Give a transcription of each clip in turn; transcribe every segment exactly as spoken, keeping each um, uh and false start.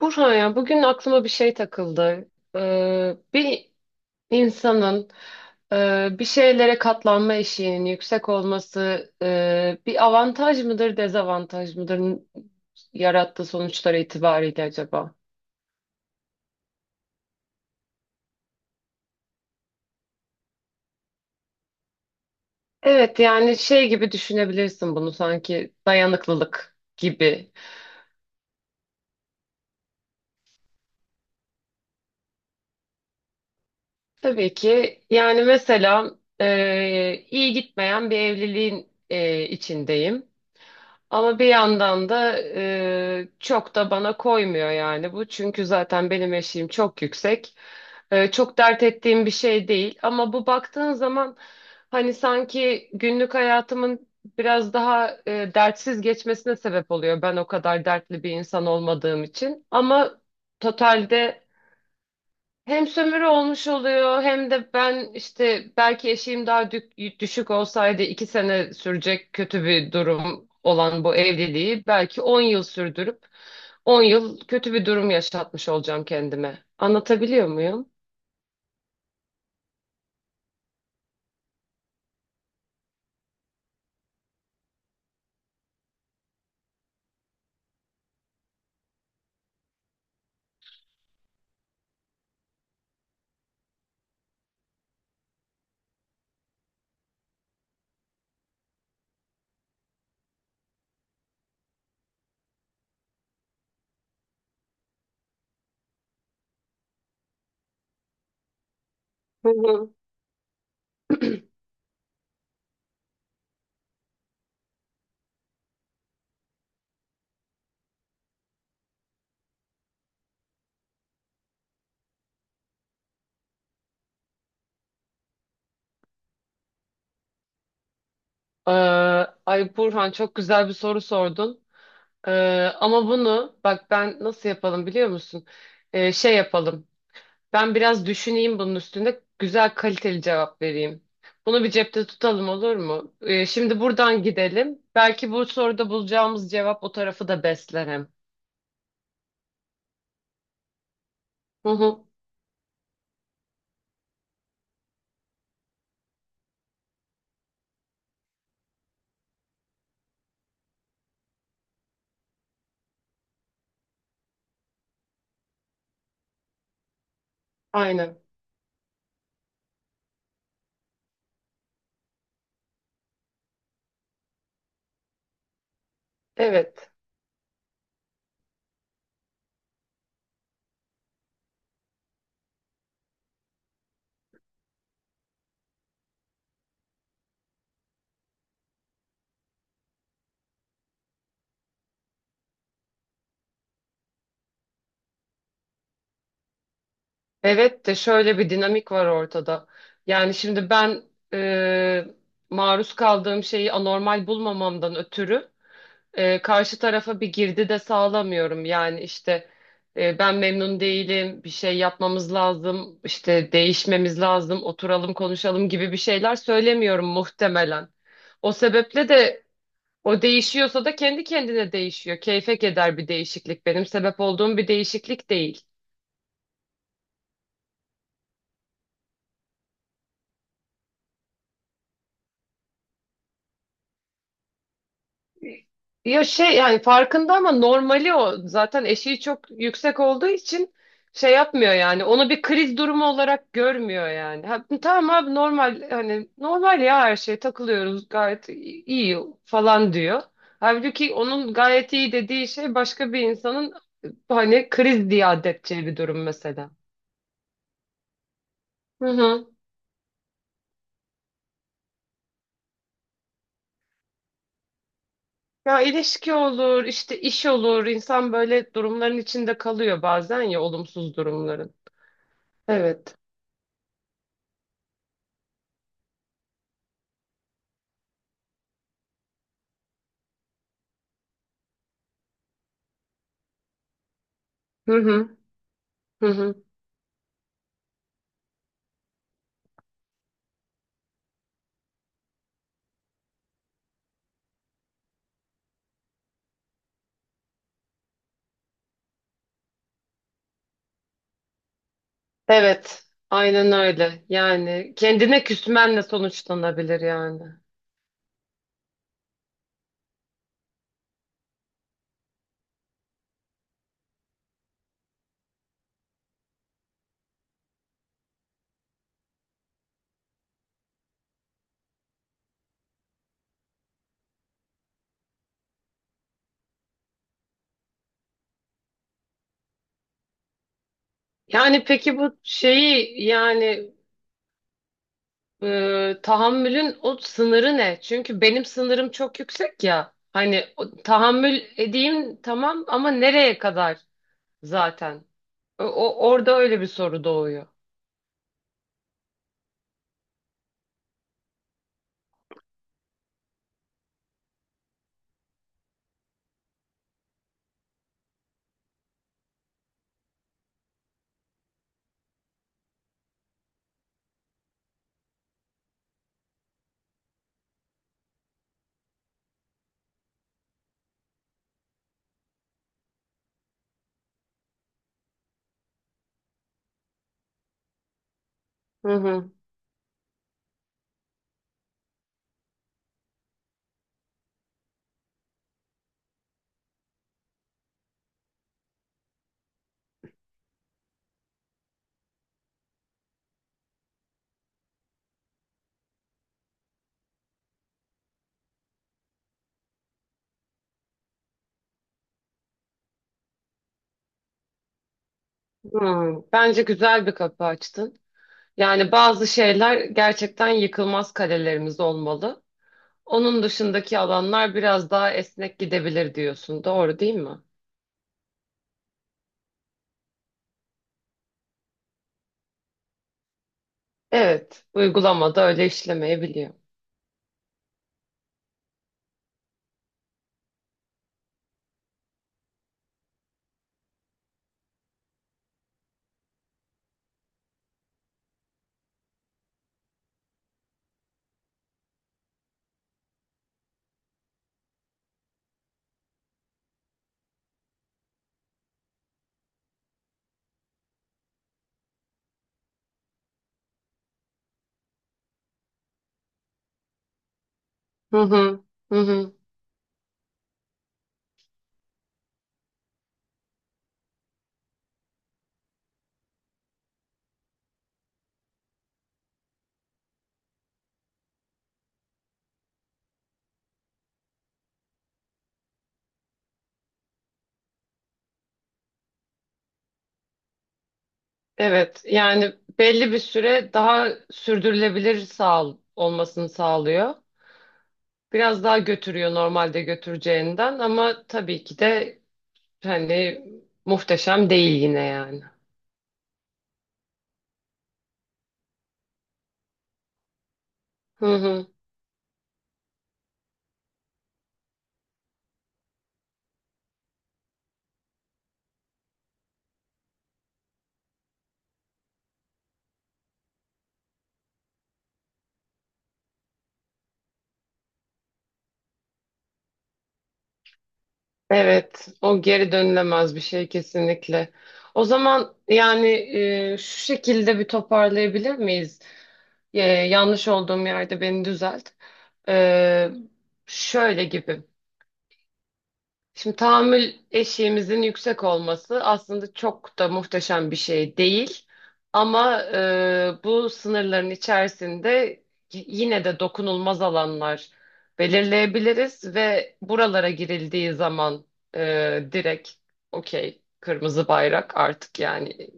Burhan ya bugün aklıma bir şey takıldı. Ee, bir insanın e, bir şeylere katlanma eşiğinin yüksek olması e, bir avantaj mıdır, dezavantaj mıdır yarattığı sonuçlar itibariyle acaba? Evet yani şey gibi düşünebilirsin bunu sanki dayanıklılık gibi. Tabii ki yani mesela e, iyi gitmeyen bir evliliğin e, içindeyim. Ama bir yandan da e, çok da bana koymuyor yani bu. Çünkü zaten benim eşiğim çok yüksek. E, çok dert ettiğim bir şey değil. Ama bu baktığın zaman hani sanki günlük hayatımın biraz daha e, dertsiz geçmesine sebep oluyor. Ben o kadar dertli bir insan olmadığım için. Ama totalde hem sömürü olmuş oluyor hem de ben işte belki eşiğim daha dük- düşük olsaydı iki sene sürecek kötü bir durum olan bu evliliği belki on yıl sürdürüp on yıl kötü bir durum yaşatmış olacağım kendime. Anlatabiliyor muyum? Hı hı. Ee, Ay Burhan çok güzel bir soru sordun. Ee, Ama bunu bak ben nasıl yapalım biliyor musun? Ee, şey yapalım. Ben biraz düşüneyim bunun üstünde. Güzel kaliteli cevap vereyim. Bunu bir cepte tutalım olur mu? Ee, şimdi buradan gidelim. Belki bu soruda bulacağımız cevap o tarafı da besler hem. Hı hı. Aynen. Evet. Evet de şöyle bir dinamik var ortada. Yani şimdi ben e, maruz kaldığım şeyi anormal bulmamamdan ötürü e, karşı tarafa bir girdi de sağlamıyorum. Yani işte e, ben memnun değilim, bir şey yapmamız lazım, işte değişmemiz lazım, oturalım konuşalım gibi bir şeyler söylemiyorum muhtemelen. O sebeple de o değişiyorsa da kendi kendine değişiyor. Keyfek eder bir değişiklik. Benim sebep olduğum bir değişiklik değil. Ya şey yani farkında ama normali o. Zaten eşiği çok yüksek olduğu için şey yapmıyor yani. Onu bir kriz durumu olarak görmüyor yani. Ha, tamam abi normal hani normal ya her şey takılıyoruz gayet i- iyi falan diyor. Halbuki onun gayet iyi dediği şey başka bir insanın hani kriz diye addedeceği bir durum mesela. Hı hı. Ya ilişki olur, işte iş olur. İnsan böyle durumların içinde kalıyor bazen ya olumsuz durumların. Evet. Hı hı. Hı hı. Evet, aynen öyle. Yani kendine küsmenle sonuçlanabilir yani. Yani peki bu şeyi yani e, tahammülün o sınırı ne? Çünkü benim sınırım çok yüksek ya. Hani o- tahammül edeyim tamam ama nereye kadar zaten? O, o- orada öyle bir soru doğuyor. Hı hı. Hı. Bence güzel bir kapı açtın. Yani bazı şeyler gerçekten yıkılmaz kalelerimiz olmalı. Onun dışındaki alanlar biraz daha esnek gidebilir diyorsun. Doğru değil mi? Evet, uygulamada öyle işlemeyebiliyor. Hı hı, hı hı. Evet, yani belli bir süre daha sürdürülebilir sağ olmasını sağlıyor. Biraz daha götürüyor normalde götüreceğinden ama tabii ki de hani muhteşem değil yine yani. Hı hı. Evet, o geri dönülemez bir şey kesinlikle. O zaman yani e, şu şekilde bir toparlayabilir miyiz? E, yanlış olduğum yerde beni düzelt. E, Şöyle gibi. Şimdi tahammül eşiğimizin yüksek olması aslında çok da muhteşem bir şey değil. Ama e, bu sınırların içerisinde y- yine de dokunulmaz alanlar belirleyebiliriz ve buralara girildiği zaman e, direkt okey kırmızı bayrak artık yani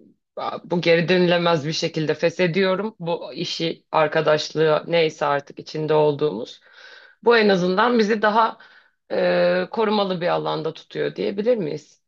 bu geri dönülemez bir şekilde feshediyorum. Bu işi, arkadaşlığı neyse artık içinde olduğumuz. Bu en azından bizi daha e, korumalı bir alanda tutuyor diyebilir miyiz?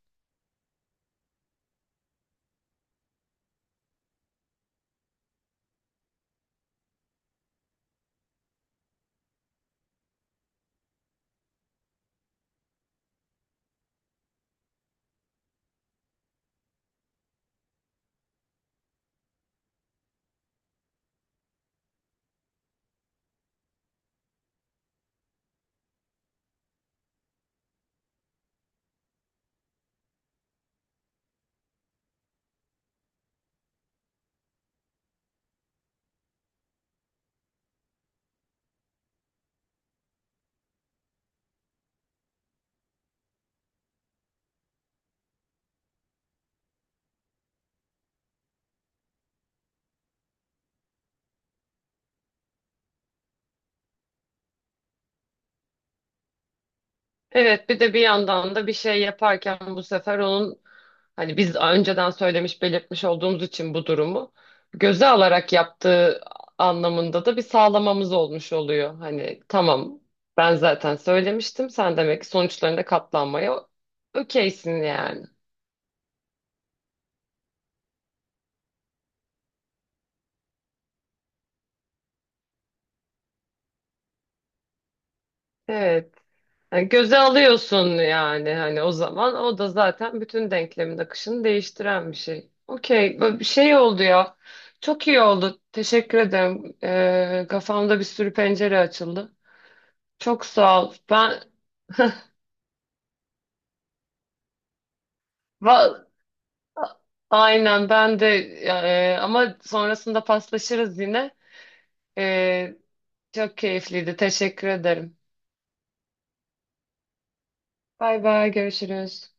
Evet, bir de bir yandan da bir şey yaparken bu sefer onun hani biz önceden söylemiş belirtmiş olduğumuz için bu durumu göze alarak yaptığı anlamında da bir sağlamamız olmuş oluyor. Hani tamam ben zaten söylemiştim sen demek ki sonuçlarına katlanmaya okeysin yani. Evet. Yani göze alıyorsun yani hani o zaman o da zaten bütün denklemin akışını değiştiren bir şey. Okey, bu bir şey oldu ya. Çok iyi oldu. Teşekkür ederim. Ee, kafamda bir sürü pencere açıldı. Çok sağ ol. Ben va- aynen ben de e, ama sonrasında paslaşırız yine. Ee, Çok keyifliydi. Teşekkür ederim. Bay bay görüşürüz.